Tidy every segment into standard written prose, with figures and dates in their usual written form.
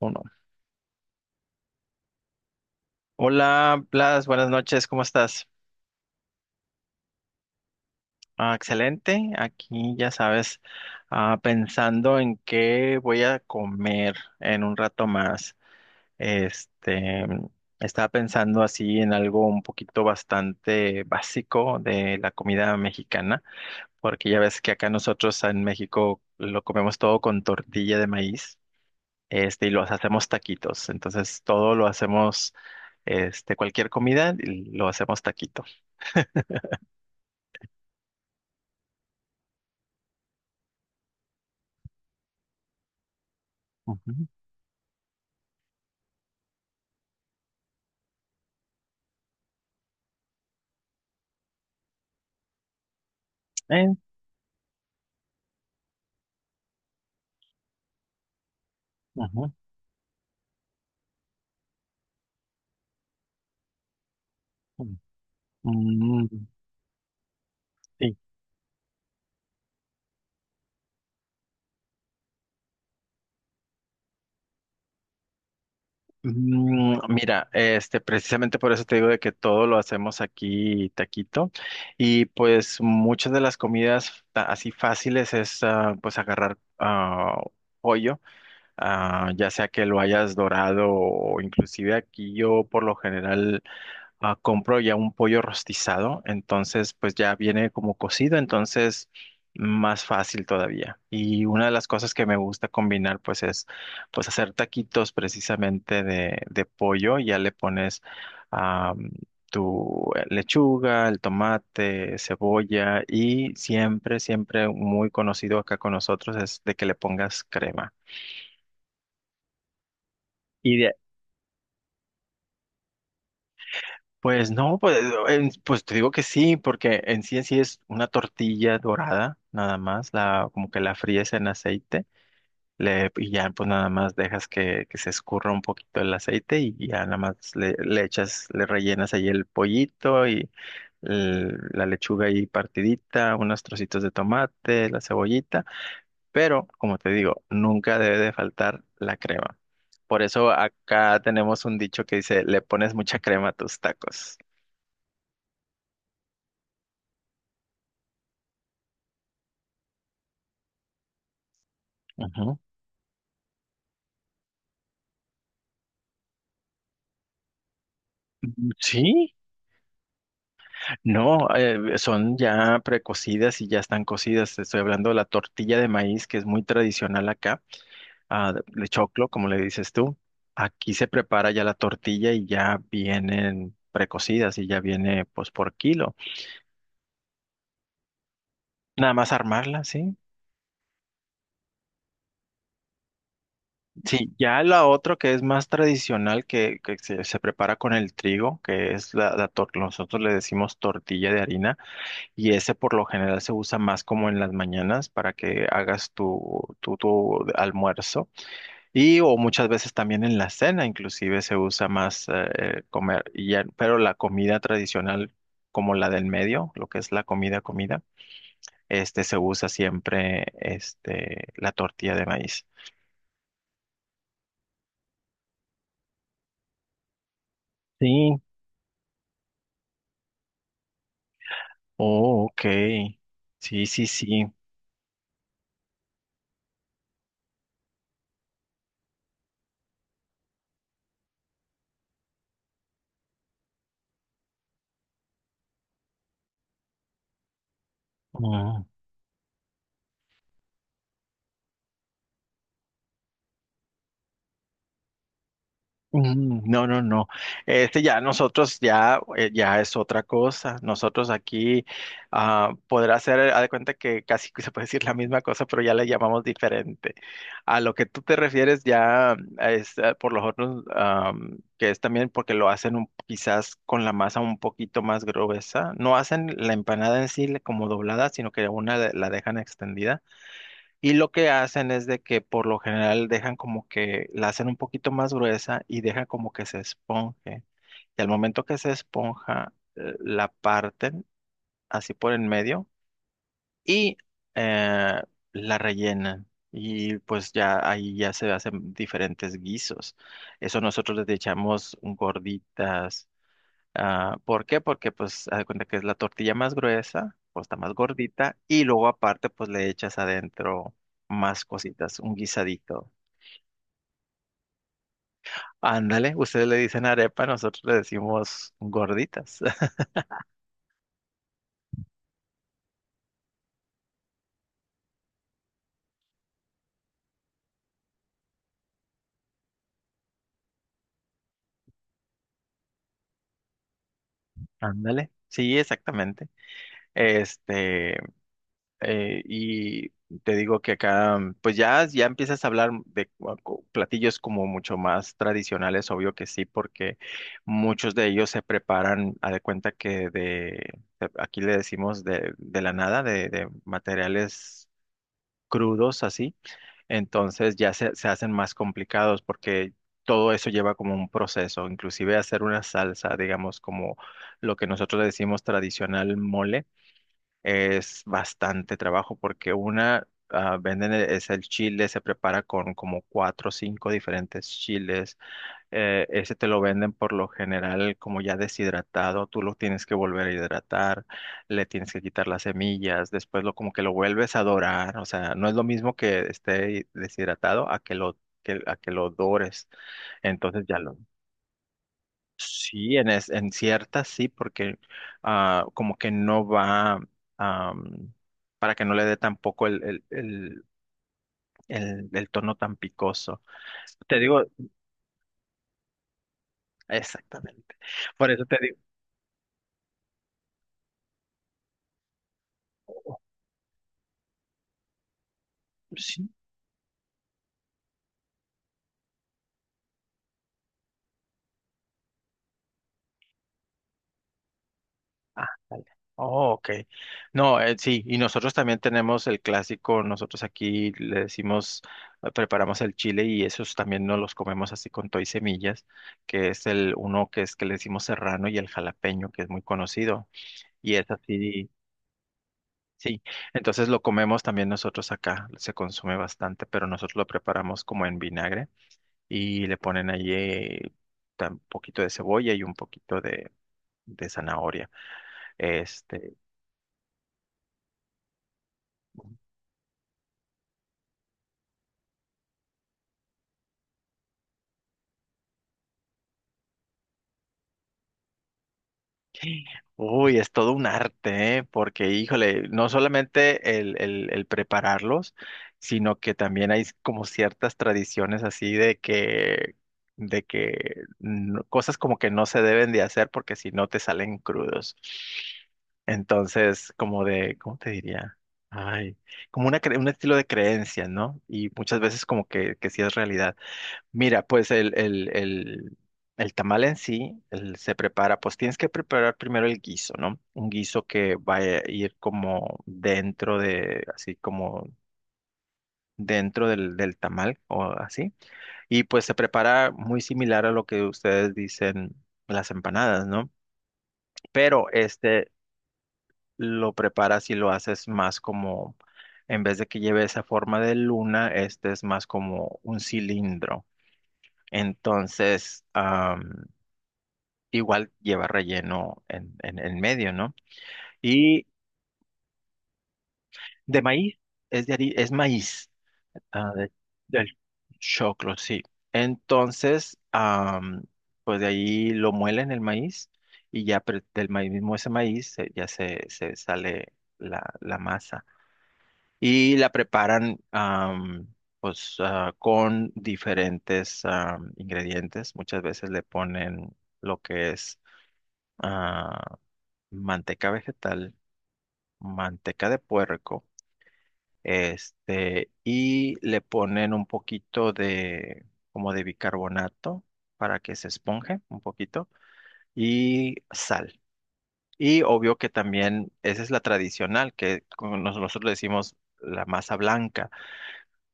Uno. Hola, Blas, buenas noches, ¿cómo estás? Excelente, aquí ya sabes, pensando en qué voy a comer en un rato más. Este, Estaba pensando así en algo un poquito bastante básico de la comida mexicana, porque ya ves que acá nosotros en México lo comemos todo con tortilla de maíz, y los hacemos taquitos. Entonces todo lo hacemos, cualquier comida lo hacemos taquitos. Ujú. Eh, ujú, ujú. Mm, sí. Mm, mira, precisamente por eso te digo de que todo lo hacemos aquí taquito y pues muchas de las comidas así fáciles es pues agarrar pollo, ya sea que lo hayas dorado o inclusive aquí yo por lo general compro ya un pollo rostizado, entonces pues ya viene como cocido, entonces más fácil todavía. Y una de las cosas que me gusta combinar pues es pues hacer taquitos precisamente de pollo, ya le pones ah, tu lechuga, el tomate, cebolla y siempre, siempre muy conocido acá con nosotros es de que le pongas crema. Y de pues no, pues, pues te digo que sí, porque en sí es una tortilla dorada, nada más, la, como que la fríes en aceite, le, y ya pues nada más dejas que se escurra un poquito el aceite y ya nada más le, le echas, le rellenas ahí el pollito y la lechuga ahí partidita, unos trocitos de tomate, la cebollita, pero como te digo, nunca debe de faltar la crema. Por eso acá tenemos un dicho que dice, le pones mucha crema a tus tacos. Ujú. Sí, no, son ya precocidas y ya están cocidas. Te estoy hablando de la tortilla de maíz, que es muy tradicional acá, de choclo, como le dices tú. Aquí se prepara ya la tortilla y ya vienen precocidas y ya viene pues por kilo. Nada más armarla, ¿sí? Sí, ya la otro que es más tradicional, que se prepara con el trigo, que es la, nosotros le decimos tortilla de harina. Y ese por lo general se usa más como en las mañanas para que hagas tu almuerzo. Y o muchas veces también en la cena inclusive se usa más comer. Pero la comida tradicional como la del medio, lo que es la comida, comida, se usa siempre la tortilla de maíz. Sí. Oh, ok. Sí, sí, sí. Mm. Mm, no, no, no. Ya nosotros ya, ya es otra cosa. Nosotros aquí podrá ser, haz de cuenta que casi que se puede decir la misma cosa, pero ya le llamamos diferente. A lo que tú te refieres ya es por lo otros, que es también porque lo hacen quizás con la masa un poquito más gruesa. No hacen la empanada en sí como doblada, sino que la dejan extendida y lo que hacen es de que por lo general dejan como que la hacen un poquito más gruesa y dejan como que se esponje. Y al momento que se esponja, la parten así por en medio y eh, la rellenan. Y pues ya ahí ya se hacen diferentes guisos. Eso nosotros les echamos gorditas. Ah, ¿por qué? Porque pues haz de cuenta que es la tortilla más gruesa, pues está más gordita y luego aparte pues le echas adentro más cositas, un guisadito. Ándale, ustedes le dicen arepa, nosotros le decimos gorditas. Ándale, sí, exactamente. Este, y te digo que acá, mm, pues ya, ya empiezas a hablar de platillos como mucho más tradicionales, obvio que sí, porque muchos de ellos se preparan, a de cuenta que de, aquí le decimos de la nada, de materiales crudos así, entonces ya se hacen más complicados porque todo eso lleva como un proceso, inclusive hacer una salsa, digamos, como lo que nosotros le decimos tradicional mole es bastante trabajo porque una venden es el chile, se prepara con como cuatro o cinco diferentes chiles. Ese te lo venden por lo general como ya deshidratado, tú lo tienes que volver a hidratar, le tienes que quitar las semillas, después lo como que lo vuelves a dorar, o sea, no es lo mismo que esté deshidratado a que lo que, a que lo dores. Entonces ya lo sí, en, en ciertas sí, porque como que no va am, para que no le dé tampoco el, el tono tan picoso. Te digo, exactamente. Por eso te digo, oh, sí, dale. Oh, ok. No, sí, y nosotros también tenemos el clásico, nosotros aquí le decimos, preparamos el chile y esos también no los comemos así con todo y semillas, que es el uno que es que le decimos serrano y el jalapeño, que es muy conocido. Y es así, sí. Entonces lo comemos también nosotros acá, se consume bastante, pero nosotros lo preparamos como en vinagre y le ponen allí un poquito de cebolla y un poquito de zanahoria. Este, Uy, es todo un arte, ¿eh? Porque, híjole, no solamente el, el prepararlos, sino que también hay como ciertas tradiciones así de que cosas como que no se deben de hacer porque si no te salen crudos. Entonces, como de, ¿cómo te diría? Ay, como una, un estilo de creencia, ¿no? Y muchas veces como que sí es realidad. Mira, pues el tamal en sí se prepara, pues tienes que preparar primero el guiso, ¿no? Un guiso que va a ir como dentro de, así como dentro del, del tamal o así. Y pues se prepara muy similar a lo que ustedes dicen las empanadas, ¿no? Pero lo preparas y lo haces más como, en vez de que lleve esa forma de luna, este es más como un cilindro. Entonces, igual lleva relleno en medio, ¿no? Y de maíz, es es maíz, ah, de- del choclo, sí. Entonces, pues de ahí lo muelen el maíz y ya del maíz mismo ese maíz ya se sale la, la masa. Y la preparan pues con diferentes ingredientes. Muchas veces le ponen lo que es ah, manteca vegetal, manteca de puerco, y le ponen un poquito de, como de bicarbonato para que se esponje un poquito, y sal. Y obvio que también, esa es la tradicional, que como nosotros le decimos la masa blanca.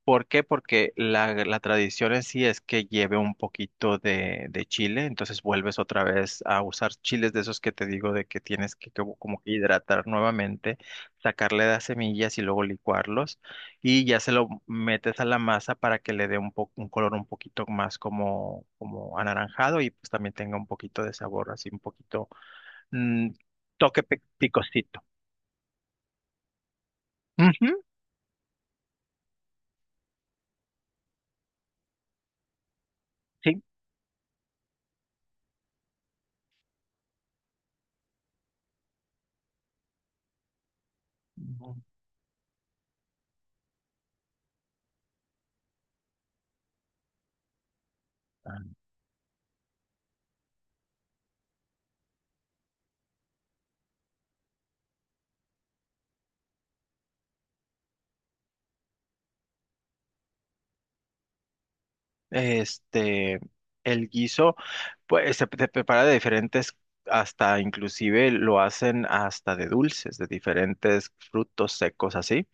¿Por qué? Porque la tradición en sí es que lleve un poquito de chile, entonces vuelves otra vez a usar chiles de esos que te digo de que tienes que como, como que hidratar nuevamente, sacarle las semillas y luego licuarlos y ya se lo metes a la masa para que le dé un color un poquito más como, como anaranjado y pues también tenga un poquito de sabor, así un poquito mm, picosito. Ujú, sí. Este, el guiso, pues se prepara de diferentes, hasta inclusive lo hacen hasta de dulces, de diferentes frutos secos así.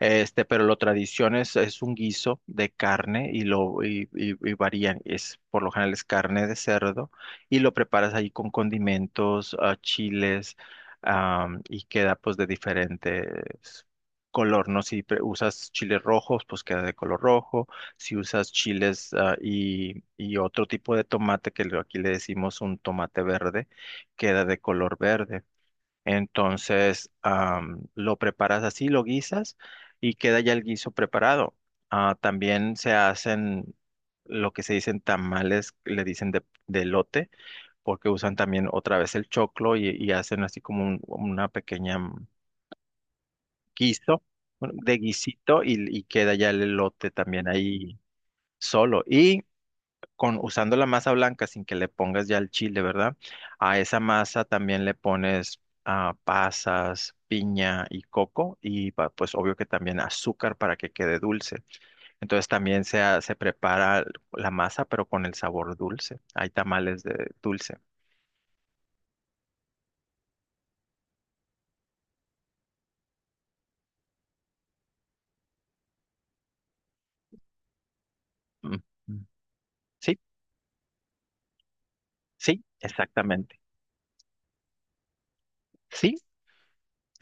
Pero lo tradición es un guiso de carne y varían. Es, por lo general es carne de cerdo y lo preparas ahí con condimentos, chiles, y queda pues de diferentes color, ¿no? Si usas chiles rojos, pues queda de color rojo. Si usas chiles y otro tipo de tomate aquí le decimos un tomate verde, queda de color verde. Entonces, lo preparas así, lo guisas y queda ya el guiso preparado. Ah, también se hacen lo que se dicen tamales, le dicen de elote, porque usan también otra vez el choclo y hacen así como una pequeña mm, guiso, bueno, de guisito y queda ya el elote también ahí solo con usando la masa blanca sin que le pongas ya el chile, ¿verdad? A esa masa también le pones pasas, piña y coco pues obvio que también azúcar para que quede dulce. Entonces también se, se prepara la masa pero con el sabor dulce. Hay tamales de dulce. Mm, mm. Sí, sí, exactamente. Sí,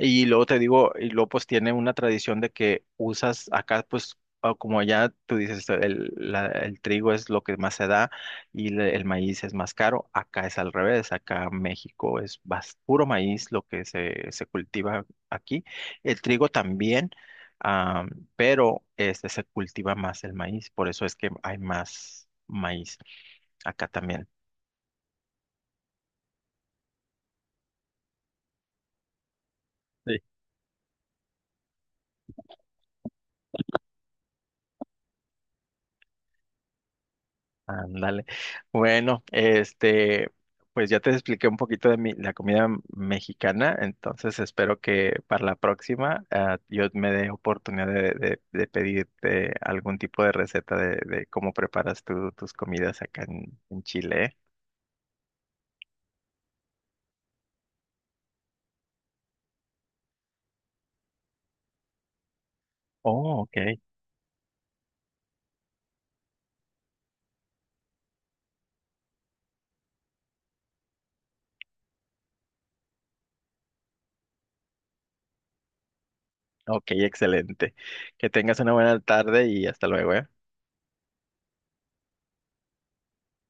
y luego te digo, y luego pues tiene una tradición de que usas acá, pues como allá tú dices, el, el trigo es lo que más se da el maíz es más caro, acá es al revés, acá México es puro maíz lo que se cultiva aquí, el trigo también, ah, pero este se cultiva más el maíz, por eso es que hay más maíz acá también. Ándale. Bueno, pues ya te expliqué un poquito de mi, la comida mexicana, entonces espero que para la próxima yo me dé oportunidad de, de pedirte algún tipo de receta de cómo preparas tú tus comidas acá en Chile, ¿eh? Oh, ok. Ok, excelente. Que tengas una buena tarde y hasta luego, ¿eh?